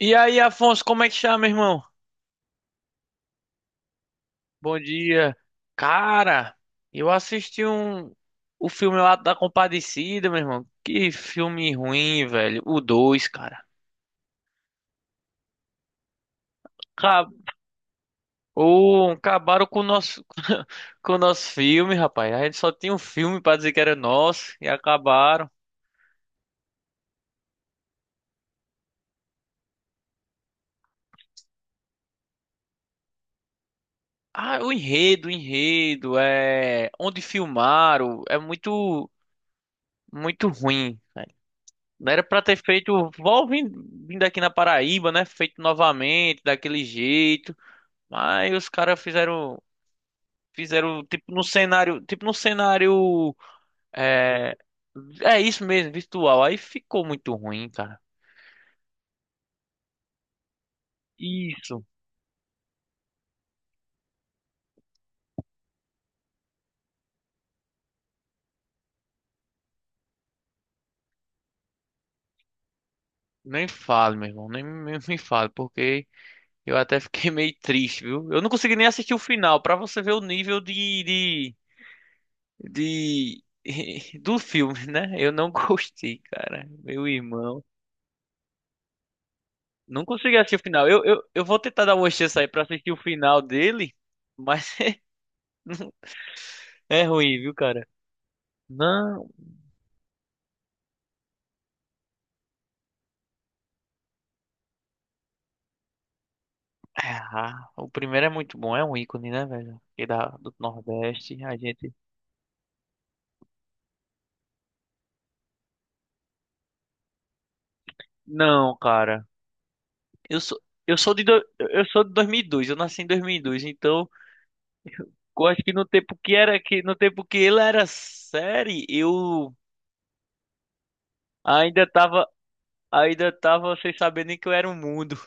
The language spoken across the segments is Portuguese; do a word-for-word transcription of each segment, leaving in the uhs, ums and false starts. E aí, Afonso, como é que chama, meu irmão? Bom dia. Cara, eu assisti um o filme lá da Compadecida, meu irmão. Que filme ruim, velho. O dois, cara. Acabou, acabaram com o nosso com o nosso filme, rapaz. A gente só tinha um filme pra dizer que era nosso e acabaram. Ah, o enredo, o enredo, é onde filmaram, é muito muito ruim. Não era pra ter feito. Vol vim- vindo aqui na Paraíba, né? Feito novamente, daquele jeito. Mas os caras fizeram. Fizeram, tipo, num cenário. Tipo, num cenário. É, é isso mesmo, virtual. Aí ficou muito ruim, cara. Isso. Nem fale, meu irmão. Nem, nem me fale, porque eu até fiquei meio triste, viu? Eu não consegui nem assistir o final, pra você ver o nível de, de... de- do filme, né? Eu não gostei, cara. Meu irmão. Não consegui assistir o final. Eu, eu, eu vou tentar dar uma chance aí pra assistir o final dele, mas é ruim, viu, cara? Não. É, ah, o primeiro é muito bom, é um ícone, né, velho? Aqui da, do Nordeste, a gente. Não, cara. Eu sou, eu sou de, do- eu sou de dois mil e dois, eu nasci em dois mil e dois, então eu acho que no tempo que era que no tempo que ele era série, eu ainda tava ainda tava sem saber nem que eu era um mundo.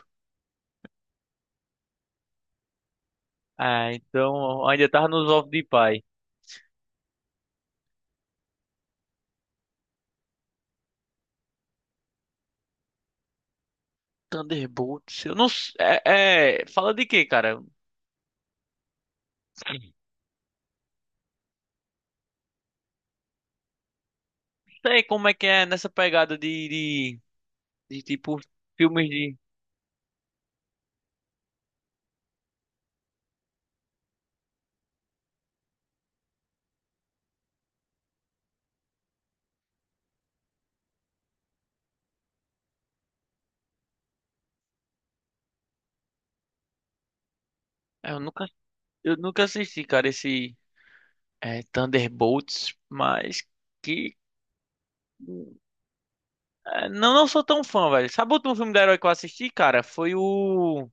Ah, então ainda tava nos ovos de pai. Thunderbolts. Eu não s- é, é- fala de quê, cara? Não sei como é que é nessa pegada de, de, de, tipo filmes de. É, Eu nunca, eu nunca assisti, cara, esse é, Thunderbolts, mas que é, não, não sou tão fã, velho. Sabe o último filme de herói que eu assisti, cara? Foi o.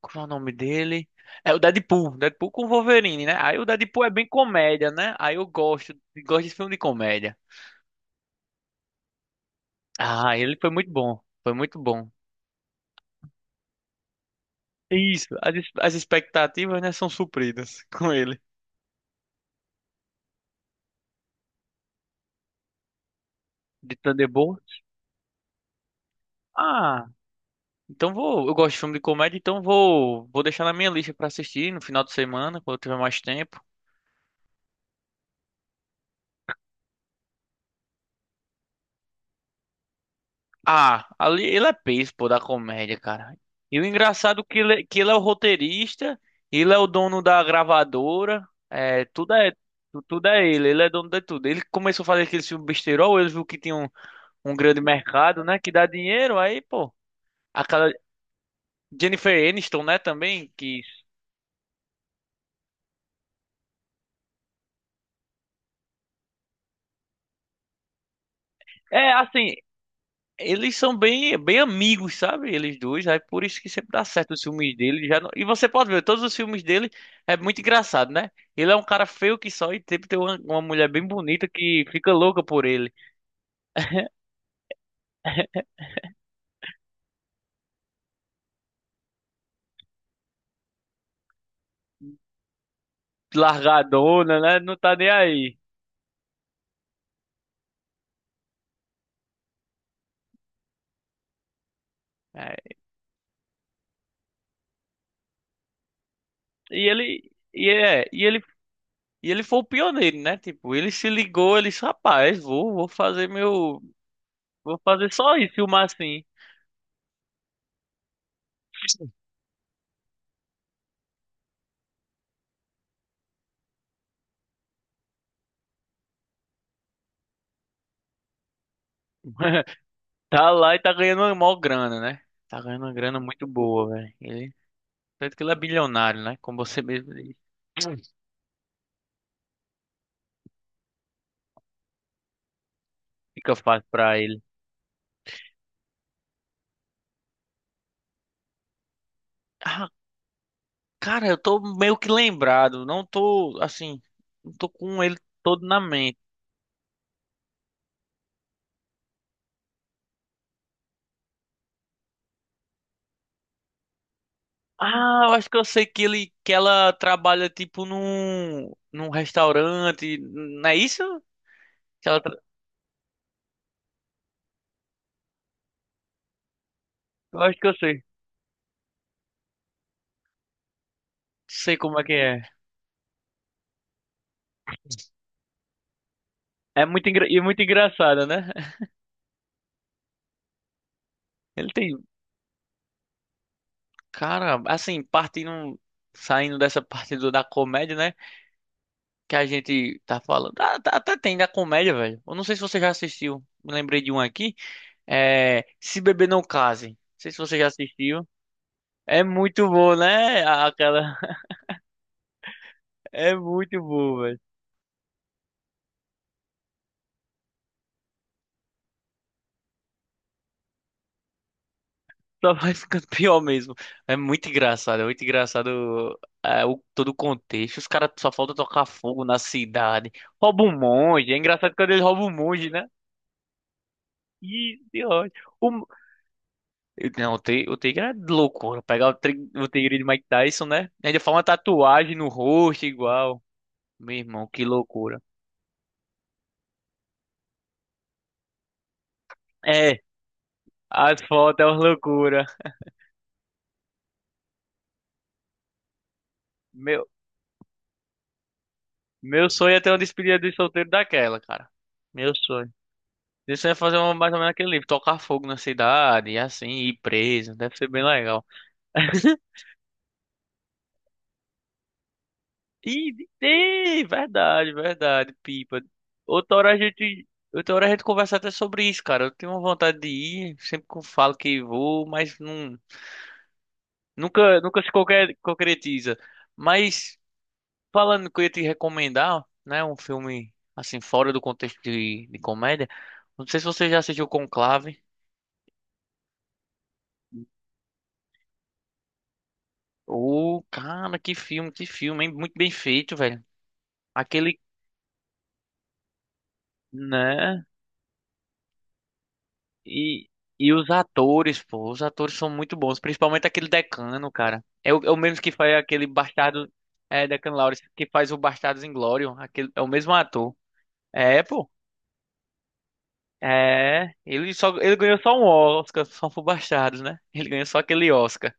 Como é o nome dele? É o Deadpool. Deadpool com Wolverine, né? Aí o Deadpool é bem comédia, né? Aí eu gosto, gosto de filme de comédia. Ah, ele foi muito bom. Foi muito bom. Isso, as, es- as expectativas, né, são supridas com ele. De Thunderbolt. Ah, então vou. Eu gosto de filme de comédia, então vou, vou deixar na minha lista pra assistir no final de semana, quando eu tiver mais tempo. Ah, ali ele é peso, pô, da comédia, cara. E o engraçado é que ele, é- que ele é o roteirista, ele é o dono da gravadora, é, tudo é tu- tudo é ele, ele é dono de tudo. Ele começou a fazer aquele filme besterol, ele viu que tinha um, um grande mercado, né, que dá dinheiro, aí, pô, Jennifer Aniston, né, também, que é assim, eles são bem bem amigos, sabe? Eles dois, aí por isso que sempre dá certo os filmes dele, já não- e você pode ver todos os filmes dele, é muito engraçado, né? Ele é um cara feio que só e sempre tem uma, uma mulher bem bonita que fica louca por ele, largadona, né? Não tá nem aí. É, E ele e é, e ele e ele foi o pioneiro, né? Tipo, ele se ligou, ele disse, rapaz, vou vou fazer meu, vou fazer só isso, filmar assim. Tá lá e tá ganhando uma maior grana, né? Tá ganhando uma grana muito boa, velho. Ele, tanto que ele é bilionário, né? Como você mesmo disse. Fica fácil pra ele. Ah, cara, eu tô meio que lembrado. Não tô, assim, não tô com ele todo na mente. Ah, eu acho que eu sei que ele, que ela trabalha, tipo, num, num restaurante. Não é isso? Que ela tra- Eu acho que eu sei. Sei como é que é. É muito, engra... e muito engraçada, né? Ele tem. Cara, assim, partindo, saindo dessa parte do- da comédia, né? Que a gente tá falando. Ah, tá- Até tem da comédia, velho. Eu não sei se você já assistiu. Me lembrei de um aqui. É. Se Beber Não Case. Não sei se você já assistiu. É muito bom, né? A- Aquela. É muito bom, velho. Só vai ficando pior mesmo. É muito engraçado, é muito engraçado é, o, todo o contexto. Os caras só faltam tocar fogo na cidade. Rouba um monge. É engraçado quando eles roubam um monge, né? Ih, de ódio. Eu- Não, o Tig- o Tigre é loucura. Pegar o Tig- o Tigre de Mike Tyson, né? Ainda faz uma tatuagem no rosto igual. Meu irmão, que loucura. É, as fotos é uma loucura. Meu, meu sonho é ter uma despedida de solteiro daquela, cara. Meu sonho. Meu sonho é fazer uma, mais ou menos aquele livro, tocar fogo na cidade, e assim, ir preso. Deve ser bem legal. Ih, ih, verdade, verdade, pipa. Outra hora a gente, outra hora a gente conversa até sobre isso, cara. Eu tenho uma vontade de ir, sempre que eu falo que vou, mas não, nunca, nunca se concre- concretiza. Mas falando que eu ia te recomendar, né, um filme assim fora do contexto de, de comédia. Não sei se você já assistiu Conclave. Ô, cara, que filme, que filme, hein? Muito bem feito, velho. Aquele, né? E, e os atores, pô, os atores são muito bons, principalmente aquele Decano, cara. É o, é o mesmo que faz aquele Bastardo, é, Decano Laures, que faz o Bastardos Inglórios, aquele, é o mesmo ator. É, pô, é, ele só, ele ganhou só um Oscar, só por Bastardos, né? Ele ganhou só aquele Oscar.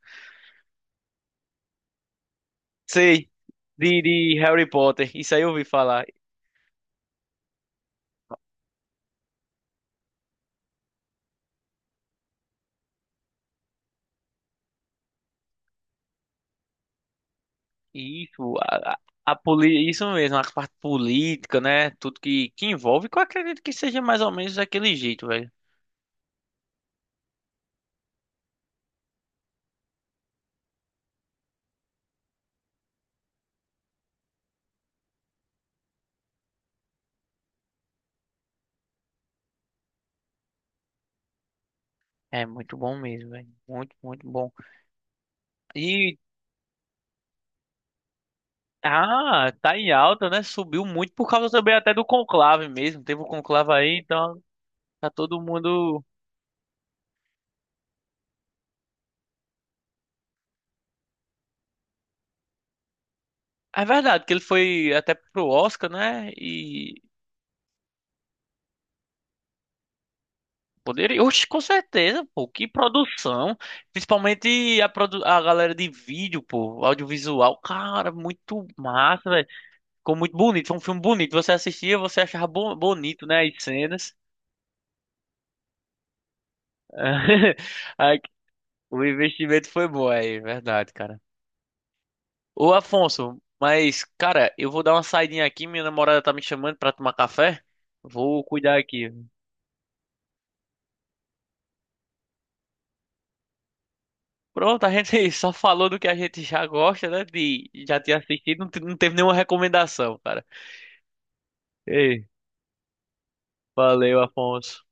Sei, de, de Harry Potter, isso aí eu ouvi falar. Isso, a, a, a poli- isso mesmo, a parte política, né? Tudo que, que envolve, que eu acredito que seja mais ou menos daquele jeito, velho. É muito bom mesmo, velho. Muito, muito bom. E, ah, tá em alta, né? Subiu muito por causa também até do conclave mesmo. Teve o conclave aí, então tá todo mundo. É verdade que ele foi até pro Oscar, né? E poderia. Oxe, com certeza, pô. Que produção. Principalmente a, produ... a galera de vídeo, pô. Audiovisual. Cara, muito massa, velho. Ficou muito bonito. Foi um filme bonito. Você assistia, você achava bo- bonito, né? As cenas. O investimento foi bom aí, verdade, cara. Ô, Afonso, mas, cara, eu vou dar uma saidinha aqui. Minha namorada tá me chamando pra tomar café. Vou cuidar aqui. Pronto, a gente só falou do que a gente já gosta, né? De já ter assistido, não te- não teve nenhuma recomendação, cara. Ei, valeu, Afonso.